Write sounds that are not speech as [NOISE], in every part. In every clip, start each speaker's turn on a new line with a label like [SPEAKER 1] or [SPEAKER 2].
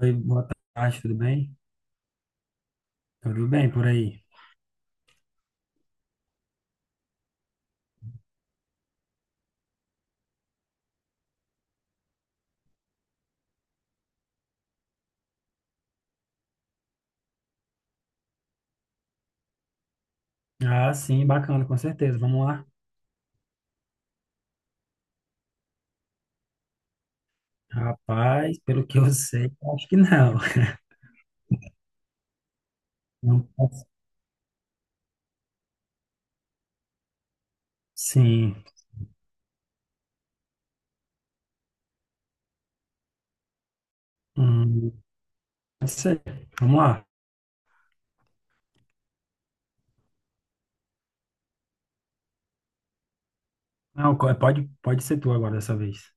[SPEAKER 1] Oi, boa tarde, tudo bem? Tá, tudo bem por aí? Ah, sim, bacana, com certeza. Vamos lá. Rapaz, pelo que eu sei, acho que não. Não posso- Sim. Hum, não sei. Vamos lá. Não, pode ser tu agora dessa vez.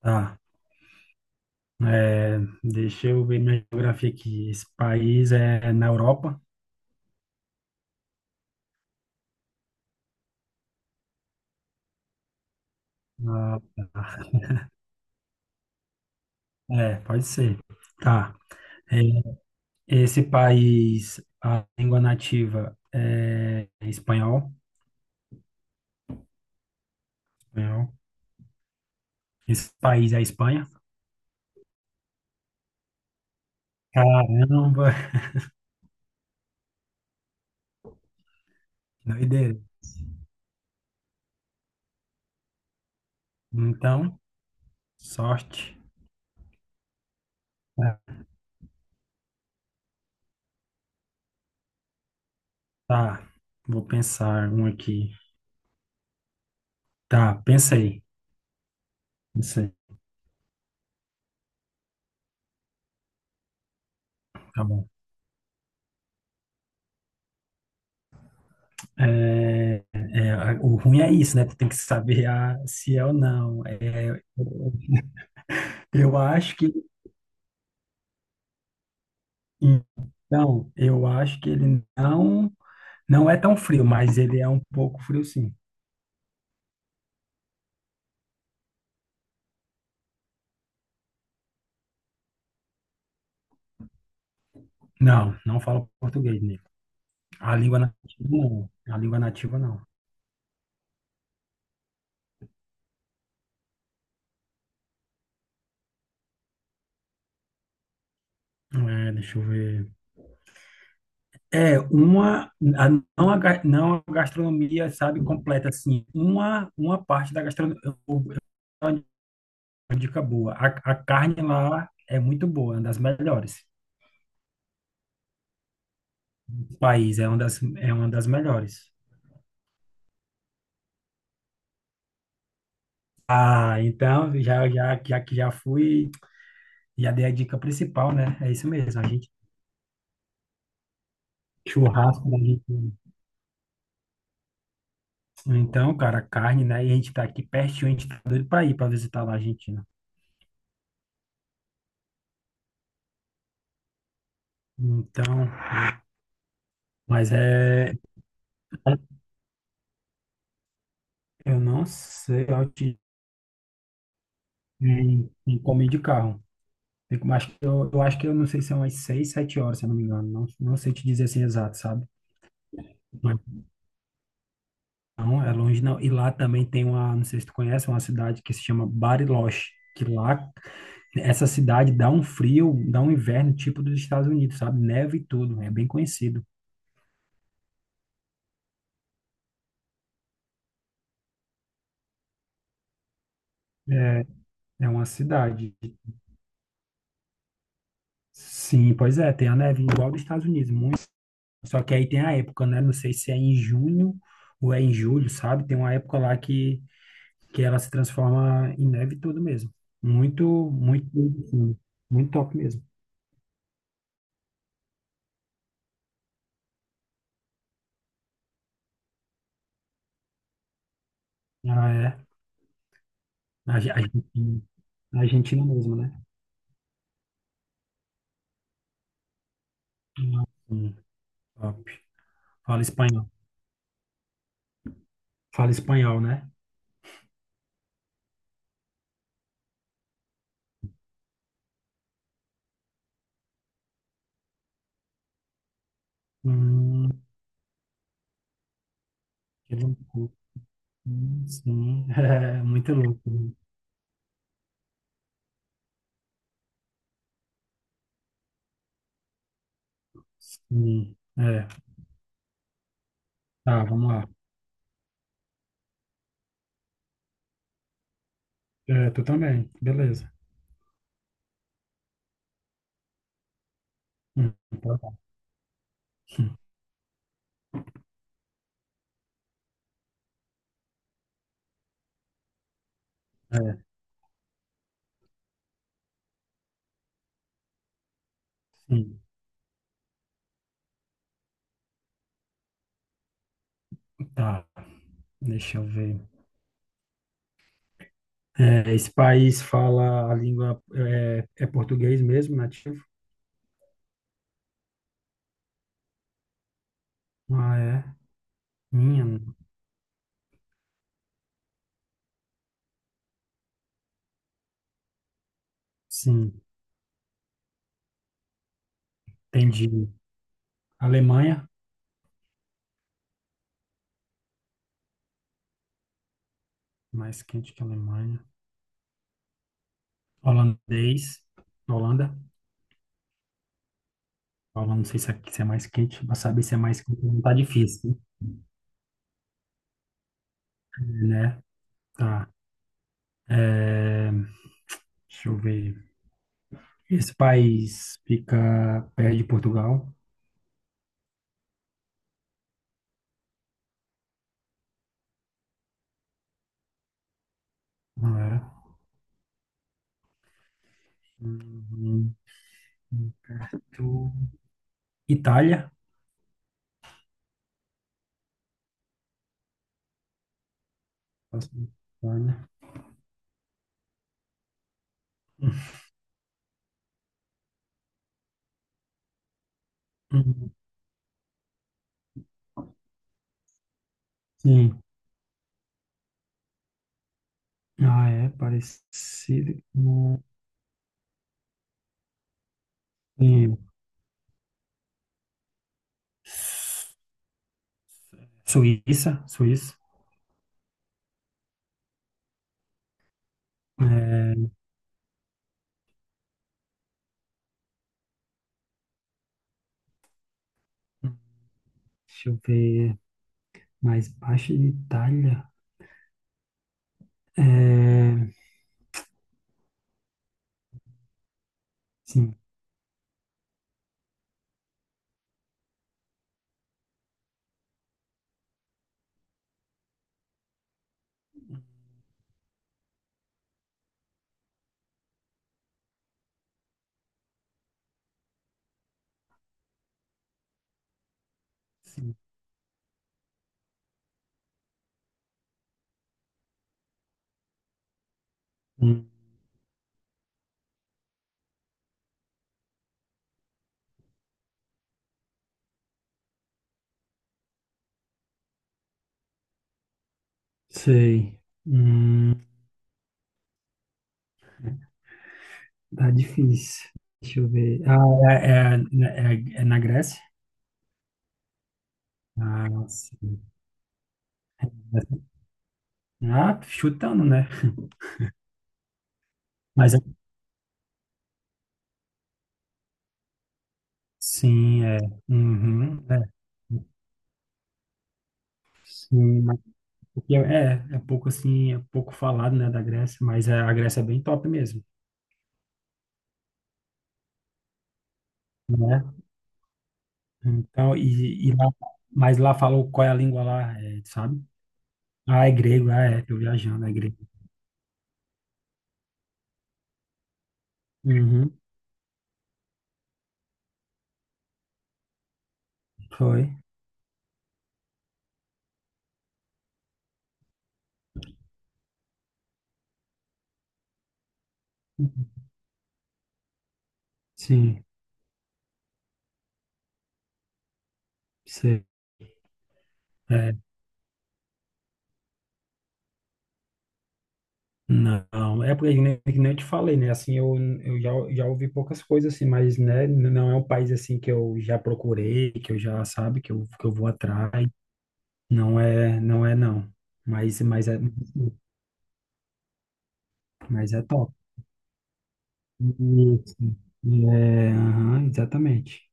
[SPEAKER 1] Tá. É, deixa eu ver minha geografia aqui. Esse país é na Europa? Ah, tá. É, pode ser. Tá. É, esse país, a língua nativa é espanhol? Espanhol. Esse país é a Espanha? Caramba, que doideira. Então, sorte. Ah, tá, vou pensar um aqui. Tá, pensei. Pensei, tá bom. É, é, o ruim é isso, né? Tu tem que saber se é ou não. É, eu acho que. Então, eu acho que ele não é tão frio, mas ele é um pouco frio, sim. Não, não falo português, né? A língua nativa não. A língua nativa não. É, deixa eu ver. É uma, a- não a, ga- Não a gastronomia, sabe, completa, assim, uma parte da gastronomia, eu vou dar uma dica boa, a carne lá é muito boa, é uma das melhores, o país é uma das melhores. Ah, então, já que já fui, já dei a dica principal, né, é isso mesmo, a gente, churrasco, né, a gente, então, cara, carne, né, e a gente tá aqui pertinho, a gente tá doido pra ir pra visitar lá a Argentina. Então, mas é, eu não sei onde em comer de carro. Tem Acho que eu acho que eu não sei se são umas seis, sete horas, se eu não me engano. Não, não sei te dizer assim exato, sabe? Mas não, é longe não. E lá também tem uma, não sei se tu conhece, uma cidade que se chama Bariloche, que lá essa cidade dá um frio, dá um inverno tipo dos Estados Unidos, sabe? Neve e tudo, é bem conhecido. É, é uma cidade. Sim, pois é, tem a neve igual dos Estados Unidos, muito. Só que aí tem a época, né? Não sei se é em junho ou é em julho, sabe? Tem uma época lá que ela se transforma em neve e tudo mesmo. Muito, muito, muito, muito top mesmo. Ah, é a Ge- a Argentina, a Argentina mesmo, né? Hum, top. Fala espanhol. Fala espanhol, né? Hum, que louco. Sim, [LAUGHS] é muito louco, né? Sim, é. Tá, vamos lá. É, tu também, beleza. Hum, dar. Hum, É, sim, tá. Deixa eu ver. É, esse país fala a língua é português mesmo, nativo? Ah, é. Minha, sim, entendi. Alemanha, mais quente que a Alemanha. Holandês, Holanda. Holanda, não sei se é, mais quente, para saber se é mais quente não tá difícil, né? Tá. É, deixa eu ver. Esse país fica perto de Portugal, não era? Hum, muito- Itália. Nossa, Itália. Hum, Sim. Ah, é parecido com. Sim. Suíça, Suíça. É, deixa eu ver. Mais baixo de Itália. É, sim, sim. Hum, sei. Hum, tá difícil. Deixa eu ver. Ah, é, é na Grécia? Ah, sim. É, ah, chutando, né? Mas é- sim, é. Uhum, é. Sim, mas porque é pouco assim, é pouco falado, né, da Grécia, mas é, a Grécia é bem top mesmo. Né, então, e lá, mas lá falou qual é a língua lá, é, sabe? Ah, é grego, ah, é, tô viajando, é grego. Uhum, foi. Sim, sei. É, não, é porque nem que nem eu te falei, né? Assim, eu já ouvi poucas coisas assim, mas né, não é um país assim que eu já procurei, que eu já sabe, que eu vou atrás. Não é, não é não. Mas, mas é, mas é top. Isso. É, aham, exatamente.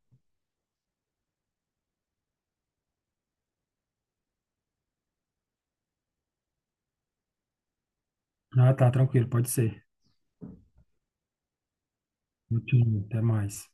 [SPEAKER 1] Ah, tá, tranquilo, pode ser. Muito bom, até mais.